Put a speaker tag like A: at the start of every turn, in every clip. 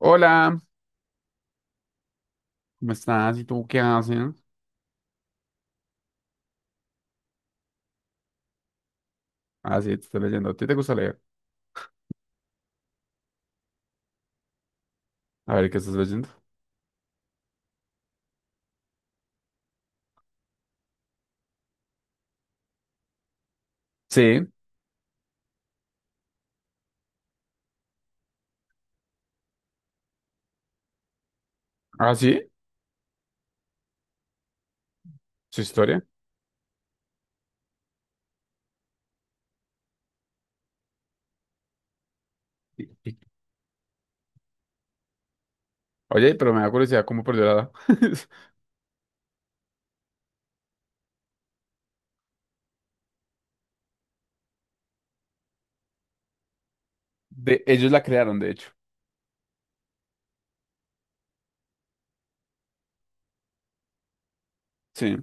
A: Hola, ¿cómo estás? ¿Y tú qué haces? Ah, sí, te estoy leyendo. ¿A ti te gusta leer? A ver, ¿qué estás leyendo? Sí. Ah, sí, su historia. Sí, sí. Oye, pero me da curiosidad cómo perdió la edad. De, ellos la crearon, de hecho. Sí,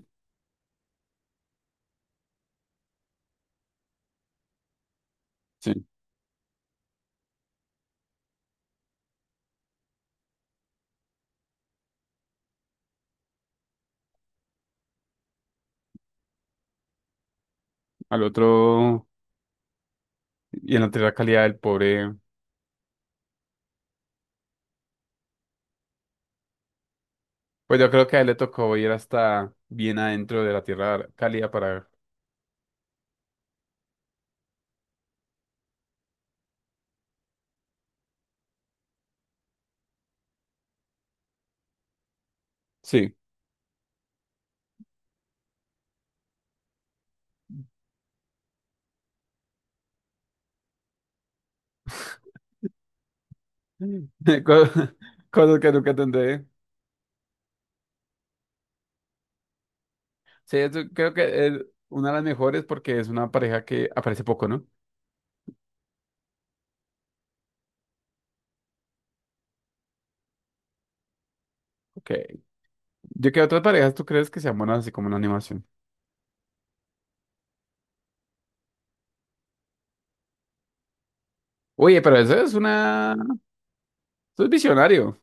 A: sí. Al otro y en la tierra cálida del pobre. Pues yo creo que a él le tocó ir hasta bien adentro de la tierra cálida para. Sí. Co- Cosas que nunca entenderé. Sí, eso creo que es una de las mejores porque es una pareja que aparece poco, ¿no? Ok. Yo que otras parejas tú crees que sean buenas así como una animación. Oye, pero eso es una... Eso es visionario.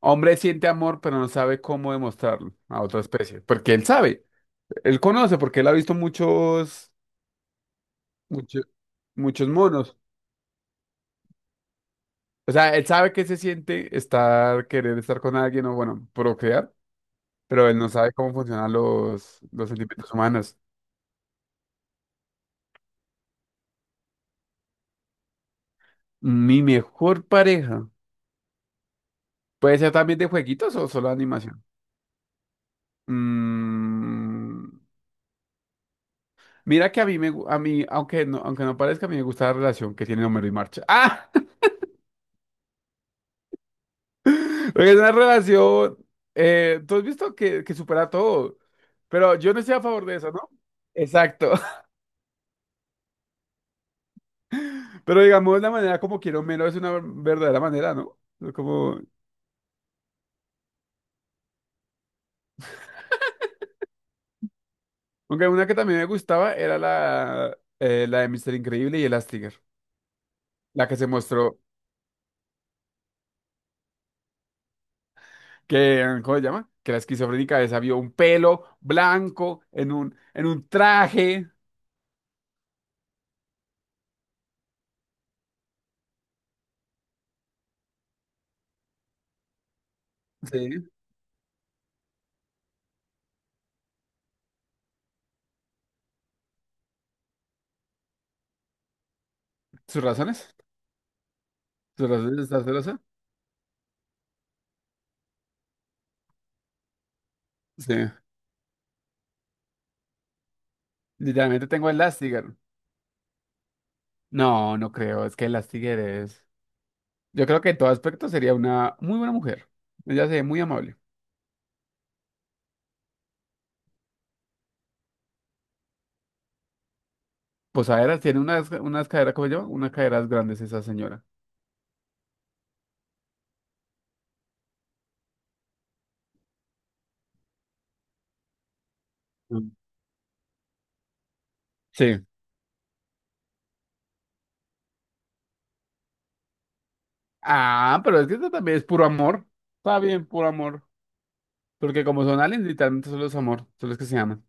A: Hombre siente amor, pero no sabe cómo demostrarlo a otra especie. Porque él sabe. Él conoce, porque él ha visto muchos... Muchos, muchos monos. O sea, él sabe que se siente estar, querer estar con alguien o, bueno, procrear. Pero él no sabe cómo funcionan los sentimientos humanos. Mi mejor pareja. ¿Puede ser también de jueguitos o solo de animación? Mm, Mira que a mí a mí, aunque no parezca, a mí me gusta la relación que tienen Homero y Marcha. ¡Ah! Porque es una relación, tú has visto que supera todo, pero yo no estoy a favor de eso, ¿no? Exacto. Pero digamos, la manera como quiero Homero es una verdadera manera, ¿no? Como, aunque una que también me gustaba era la, la de Mister Increíble y Elastigirl, la que se mostró que, ah, ¿cómo se llama? Que la esquizofrénica esa vio un pelo blanco en un traje. Sí. ¿Sus razones? ¿Celosa? ¿Estás celosa? Sí. Literalmente tengo Elastigirl. No, no creo. Es que Elastigirl es. Yo creo que en todo aspecto sería una muy buena mujer. Ella se ve muy amable. Posaderas tiene unas, unas caderas, ¿cómo se llama? Unas caderas grandes esa señora. Mm. Sí. Ah, pero es que esto también es puro amor. Está bien, puro amor. Porque como son aliens, literalmente solo es amor. Solo es que se aman.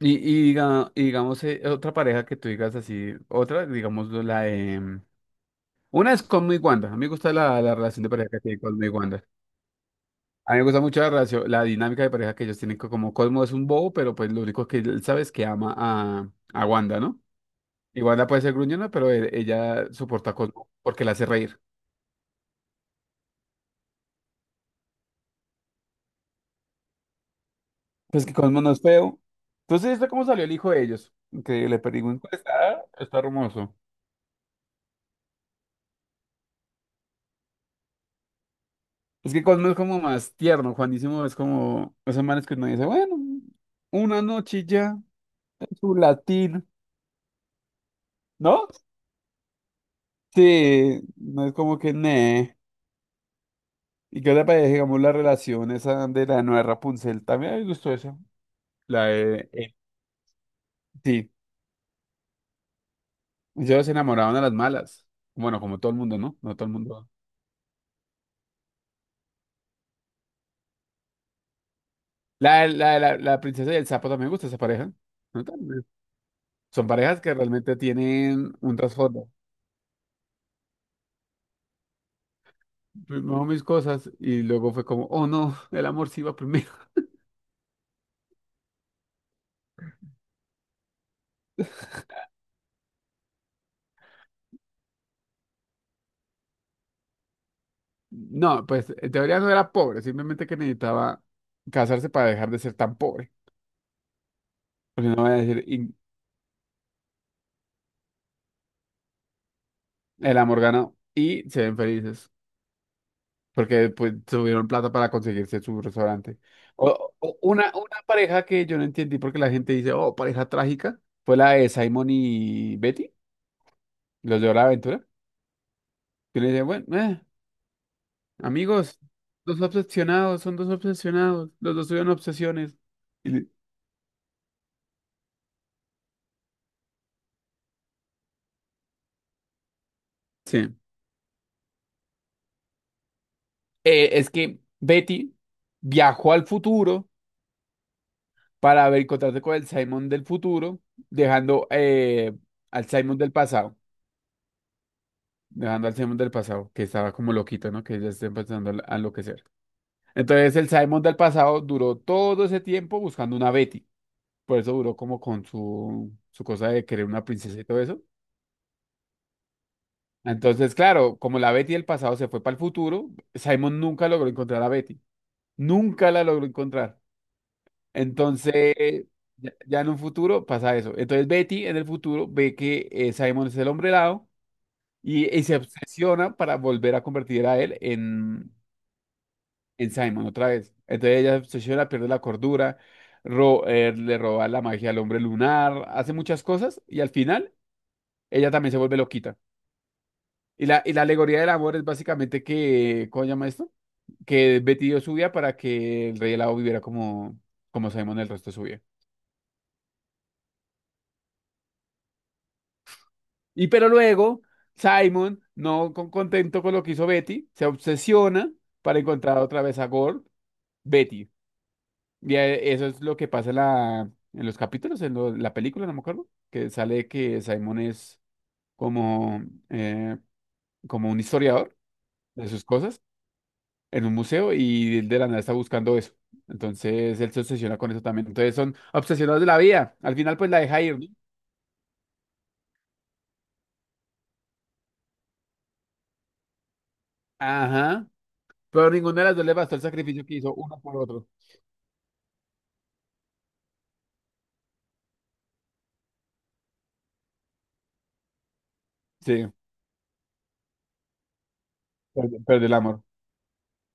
A: Y digamos, otra pareja que tú digas así, otra, digamos, la de. Una es con y Wanda. A mí me gusta la relación de pareja que tiene con y Wanda. A mí me gusta mucho la relación, la dinámica de pareja que ellos tienen, como Cosmo es un bobo, pero pues lo único que él sabe es que ama a Wanda, ¿no? Y Wanda puede ser gruñona, pero ella soporta a Cosmo porque la hace reír. Pues que Cosmo no es feo. Entonces, ¿esto cómo salió el hijo de ellos? Que le pedí un está, está hermoso. Es que Cosmo es como más tierno, Juanísimo es como esos manes que uno dice, bueno, una noche y ya, en su latín, ¿no? Sí, no es como que, ne. ¿Y qué te parece, digamos, la relación esa de la nueva Rapunzel? También me gustó esa. La de... sí, ellos se enamoraban a las malas. Bueno, como todo el mundo, ¿no? No todo el mundo. La princesa y el sapo también me gusta esa pareja. ¿No? También. Son parejas que realmente tienen un trasfondo. Primero mis cosas y luego fue como, oh no, el amor sí iba primero. No, pues en teoría no era pobre, simplemente que necesitaba casarse para dejar de ser tan pobre. Porque no voy a decir, y el amor ganó y se ven felices. Porque pues, tuvieron plata para conseguirse su restaurante. Una pareja que yo no entendí porque la gente dice, oh, pareja trágica, fue la de Simon y Betty, los de Hora de Aventura. Y le dice, bueno, amigos, dos obsesionados, son dos obsesionados, los dos tuvieron obsesiones. Y le- sí. Es que Betty viajó al futuro para encontrarse con el Simon del futuro, dejando al Simon del pasado. Dejando al Simon del pasado, que estaba como loquito, ¿no? Que ya está empezando a enloquecer. Entonces el Simon del pasado duró todo ese tiempo buscando una Betty. Por eso duró como con su cosa de querer una princesa y todo eso. Entonces, claro, como la Betty del pasado se fue para el futuro, Simon nunca logró encontrar a Betty. Nunca la logró encontrar. Entonces, ya en un futuro pasa eso. Entonces Betty en el futuro ve que Simon es el hombre helado y se obsesiona para volver a convertir a él en Simon otra vez. Entonces ella se obsesiona, pierde la cordura, le roba la magia al hombre lunar, hace muchas cosas y al final ella también se vuelve loquita. Y la alegoría del amor es básicamente que, ¿cómo se llama esto? Que Betty dio su vida para que el rey helado viviera como, como Simon el resto de su vida. Y pero luego Simon, no con- contento con lo que hizo Betty, se obsesiona para encontrar otra vez a Gold, Betty. Ya, eso es lo que pasa en, en los capítulos, en la película, no me acuerdo, que sale que Simon es como, eh, como un historiador de sus cosas en un museo y él de la nada está buscando eso. Entonces él se obsesiona con eso también. Entonces son obsesionados de la vida. Al final pues la deja ir, ¿no? Ajá. Pero ninguna de las dos le bastó el sacrificio que hizo uno por otro. Sí, perdió el amor.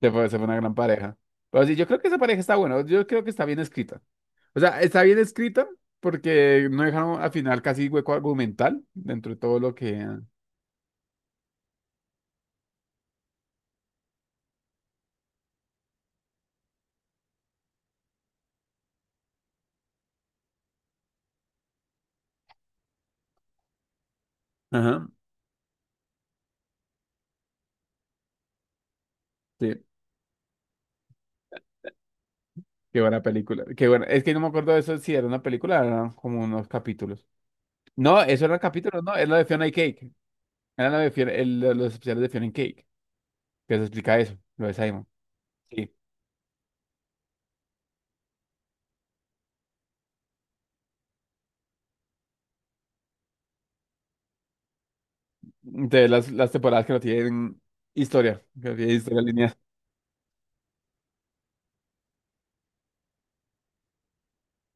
A: Se fue una gran pareja. Pero sí, yo creo que esa pareja está buena. Yo creo que está bien escrita. O sea, está bien escrita porque no dejaron al final casi hueco argumental dentro de todo lo que... Ajá, sí. Qué buena película. Qué buena. Es que no me acuerdo de eso si era una película, eran como unos capítulos. No, eso eran capítulos, no, era la de Fiona y Cake. Era la de los especiales de Fiona y Cake, que se explica eso, lo de Simon. Sí. De las temporadas que no tienen historia, que no tienen historia lineal.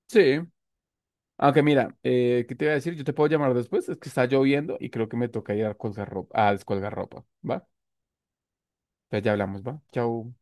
A: Sí. Aunque mira, ¿qué te iba a decir? Yo te puedo llamar después, es que está lloviendo y creo que me toca ir a colgar ropa, a descolgar ropa, ¿va? Entonces ya hablamos, ¿va? Chau.